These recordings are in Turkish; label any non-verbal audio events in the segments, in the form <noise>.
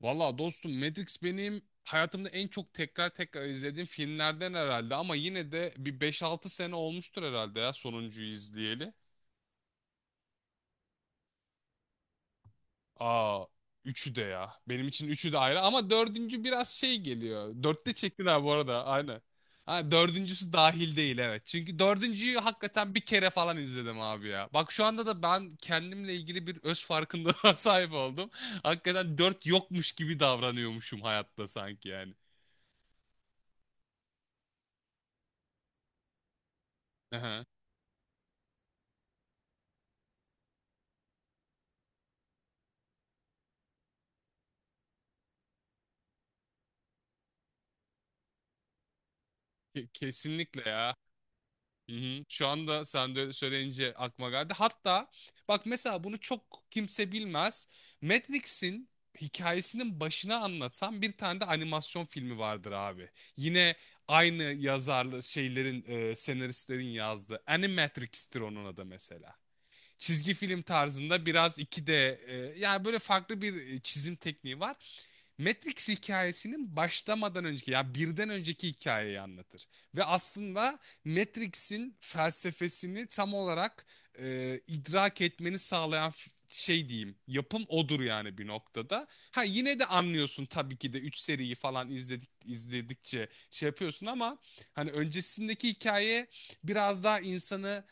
Valla dostum, Matrix benim hayatımda en çok tekrar tekrar izlediğim filmlerden herhalde ama yine de bir beş altı sene olmuştur herhalde ya sonuncuyu izleyeli. Aa, üçü de ya. Benim için üçü de ayrı ama dördüncü biraz şey geliyor. 4'te çektiler bu arada aynen. Ha, dördüncüsü dahil değil, evet. Çünkü dördüncüyü hakikaten bir kere falan izledim abi ya. Bak şu anda da ben kendimle ilgili bir öz farkındalığa <laughs> sahip oldum. Hakikaten dört yokmuş gibi davranıyormuşum hayatta sanki yani. <laughs> Kesinlikle ya. Hı hı. Şu anda sen de söyleyince aklıma geldi. Hatta bak mesela bunu çok kimse bilmez. Matrix'in hikayesinin başına anlatan bir tane de animasyon filmi vardır abi. Yine aynı yazarlı şeylerin, senaristlerin yazdığı. Animatrix'tir onun adı mesela. Çizgi film tarzında biraz yani böyle farklı bir çizim tekniği var. Matrix hikayesinin başlamadan önceki ya birden önceki hikayeyi anlatır. Ve aslında Matrix'in felsefesini tam olarak idrak etmeni sağlayan şey diyeyim, yapım odur yani bir noktada. Ha, yine de anlıyorsun tabii ki de, 3 seriyi falan izledikçe şey yapıyorsun ama hani öncesindeki hikaye biraz daha insanı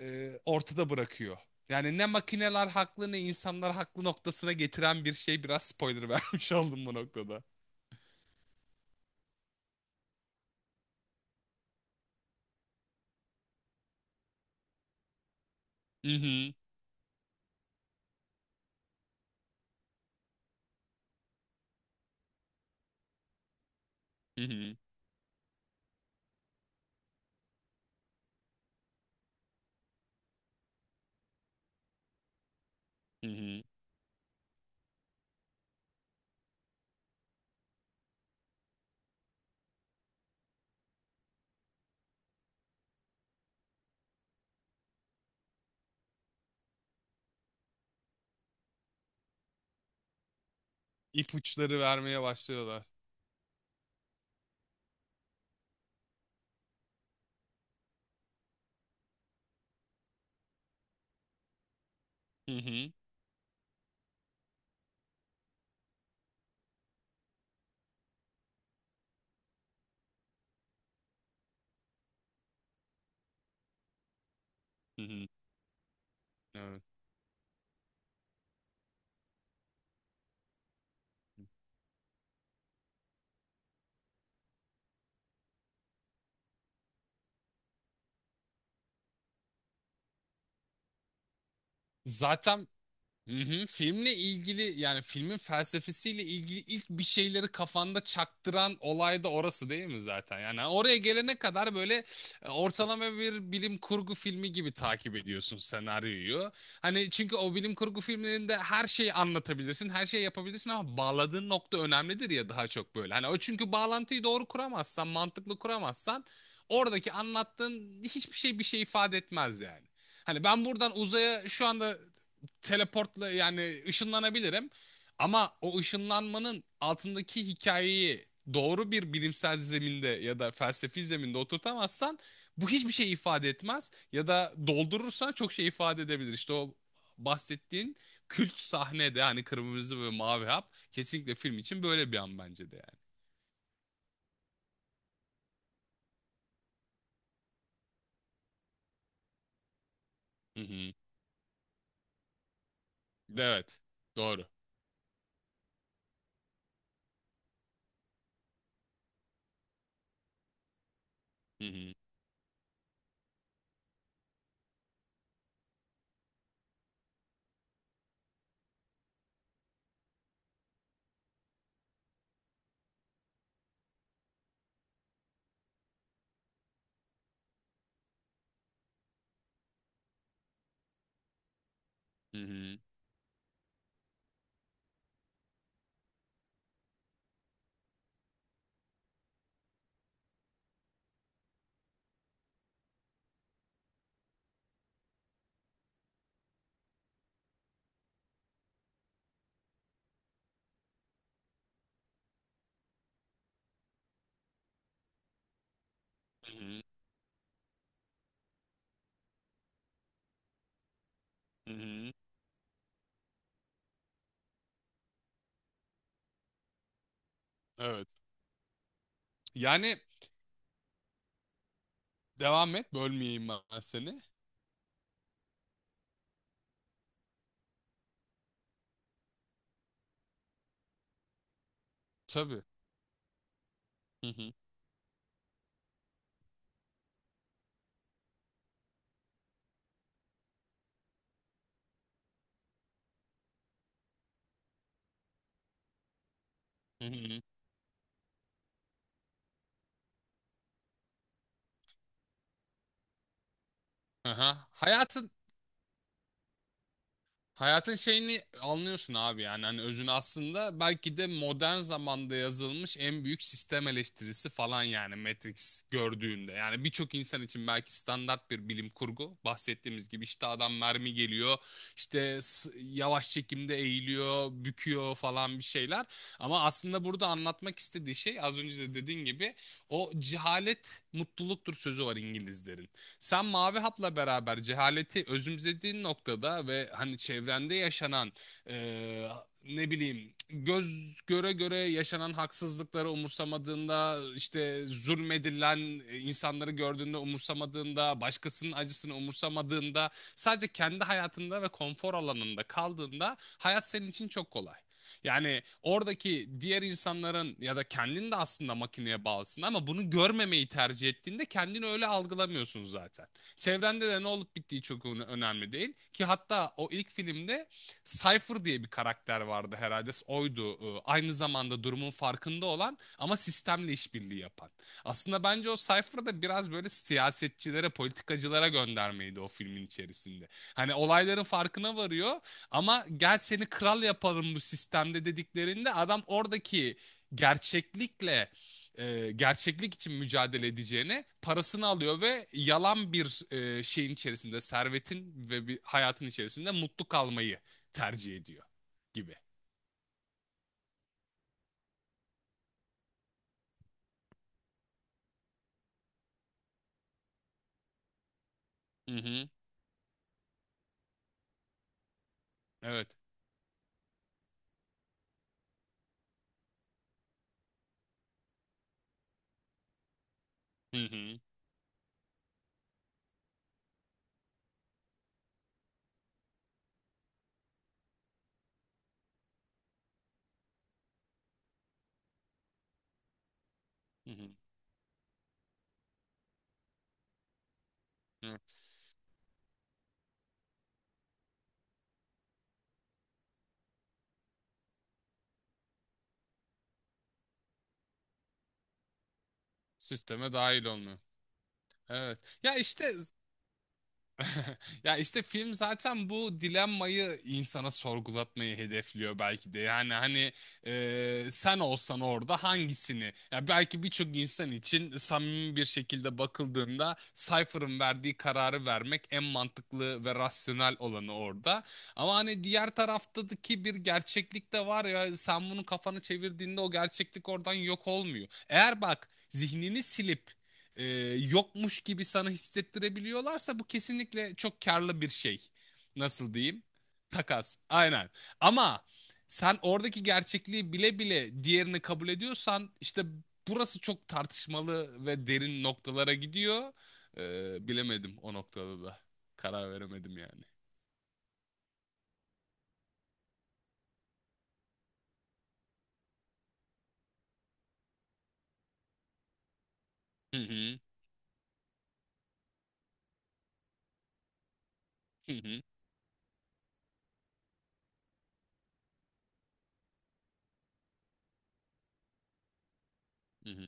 ortada bırakıyor. Yani ne makineler haklı ne insanlar haklı noktasına getiren bir şey, biraz spoiler <laughs> vermiş oldum bu noktada. Hı hı, hı hı, hı hı. İpuçları vermeye başlıyorlar. Hı hı, hı hı. Evet. Zaten. Hı hı. Filmle ilgili, yani filmin felsefesiyle ilgili ilk bir şeyleri kafanda çaktıran olay da orası değil mi zaten? Yani hani oraya gelene kadar böyle ortalama bir bilim kurgu filmi gibi takip ediyorsun senaryoyu. Hani çünkü o bilim kurgu filmlerinde her şeyi anlatabilirsin, her şeyi yapabilirsin ama bağladığın nokta önemlidir ya, daha çok böyle. Hani o, çünkü bağlantıyı doğru kuramazsan, mantıklı kuramazsan oradaki anlattığın hiçbir şey bir şey ifade etmez yani. Hani ben buradan uzaya şu anda teleportla yani ışınlanabilirim. Ama o ışınlanmanın altındaki hikayeyi doğru bir bilimsel zeminde ya da felsefi zeminde oturtamazsan bu hiçbir şey ifade etmez, ya da doldurursan çok şey ifade edebilir. İşte o bahsettiğin kült sahnede, hani kırmızı ve mavi hap, kesinlikle film için böyle bir an bence de yani. Hı hı. Evet. Doğru. Hı hı. Hı hı. Hı hı. Hı hı. Evet. Yani devam et. Bölmeyeyim ben seni. Tabii. Hı hı. Hı hı. Aha. Hayatın şeyini anlıyorsun abi yani hani özünü, aslında belki de modern zamanda yazılmış en büyük sistem eleştirisi falan yani Matrix gördüğünde. Yani birçok insan için belki standart bir bilim kurgu, bahsettiğimiz gibi, işte adam mermi geliyor, işte yavaş çekimde eğiliyor büküyor falan bir şeyler, ama aslında burada anlatmak istediği şey, az önce de dediğin gibi, o cehalet mutluluktur sözü var İngilizlerin. Sen Mavi Hap'la beraber cehaleti özümsediğin noktada ve hani çevrende yaşanan e, ne bileyim göz göre göre yaşanan haksızlıkları umursamadığında, işte zulmedilen insanları gördüğünde umursamadığında, başkasının acısını umursamadığında, sadece kendi hayatında ve konfor alanında kaldığında hayat senin için çok kolay. Yani oradaki diğer insanların ya da kendin de aslında makineye bağlısın ama bunu görmemeyi tercih ettiğinde kendini öyle algılamıyorsun zaten. Çevrende de ne olup bittiği çok önemli değil ki. Hatta o ilk filmde Cypher diye bir karakter vardı, herhalde oydu. Aynı zamanda durumun farkında olan ama sistemle işbirliği yapan. Aslında bence o Cypher biraz böyle siyasetçilere, politikacılara göndermeydi o filmin içerisinde. Hani olayların farkına varıyor ama "gel seni kral yaparım bu sistemde" dediklerinde adam oradaki gerçeklikle, gerçeklik için mücadele edeceğine parasını alıyor ve yalan bir şeyin içerisinde, servetin ve bir hayatın içerisinde mutlu kalmayı tercih ediyor gibi. Hı hı. Evet. Hı hı. Hı hı. Hı. Sisteme dahil olmuyor. Evet. Ya işte. <laughs> Ya işte, film zaten bu dilemmayı insana sorgulatmayı hedefliyor belki de. Yani hani, sen olsan orada hangisini? Ya belki birçok insan için samimi bir şekilde bakıldığında Cypher'ın verdiği kararı vermek en mantıklı ve rasyonel olanı orada. Ama hani diğer taraftaki bir gerçeklik de var ya, sen bunu kafanı çevirdiğinde o gerçeklik oradan yok olmuyor. Eğer bak, zihnini silip e, yokmuş gibi sana hissettirebiliyorlarsa bu kesinlikle çok karlı bir şey. Nasıl diyeyim? Takas. Aynen. Ama sen oradaki gerçekliği bile bile diğerini kabul ediyorsan işte burası çok tartışmalı ve derin noktalara gidiyor. Bilemedim o noktada da. Karar veremedim yani. Hı hı. Hı hı. Hı hı.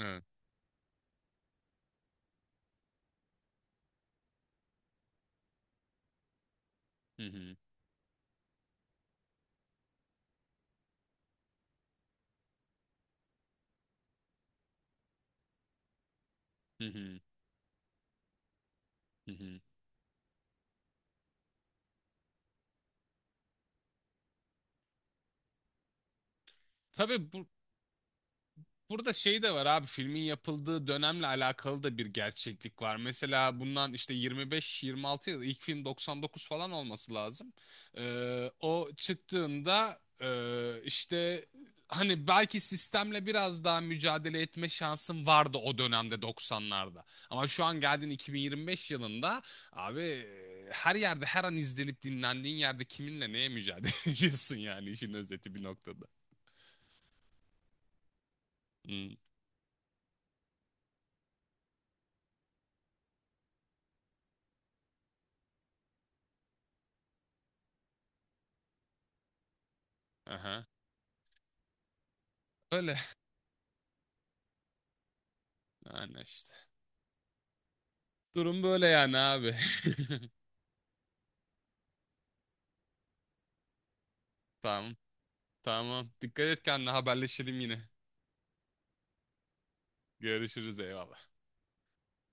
Evet. Hı hı. Hı hı. Hı hı. Tabii bu Burada şey de var abi, filmin yapıldığı dönemle alakalı da bir gerçeklik var. Mesela bundan işte 25-26 yıl, ilk film 99 falan olması lazım. O çıktığında, işte hani belki sistemle biraz daha mücadele etme şansım vardı o dönemde, 90'larda. Ama şu an geldin 2025 yılında abi, her yerde her an izlenip dinlendiğin yerde kiminle neye mücadele <laughs> ediyorsun yani, işin özeti bir noktada. Hmm, aha. Öyle. Yani işte. Durum böyle yani abi. <laughs> Tamam. Tamam. Dikkat et kendine, haberleşelim yine. Görüşürüz, eyvallah.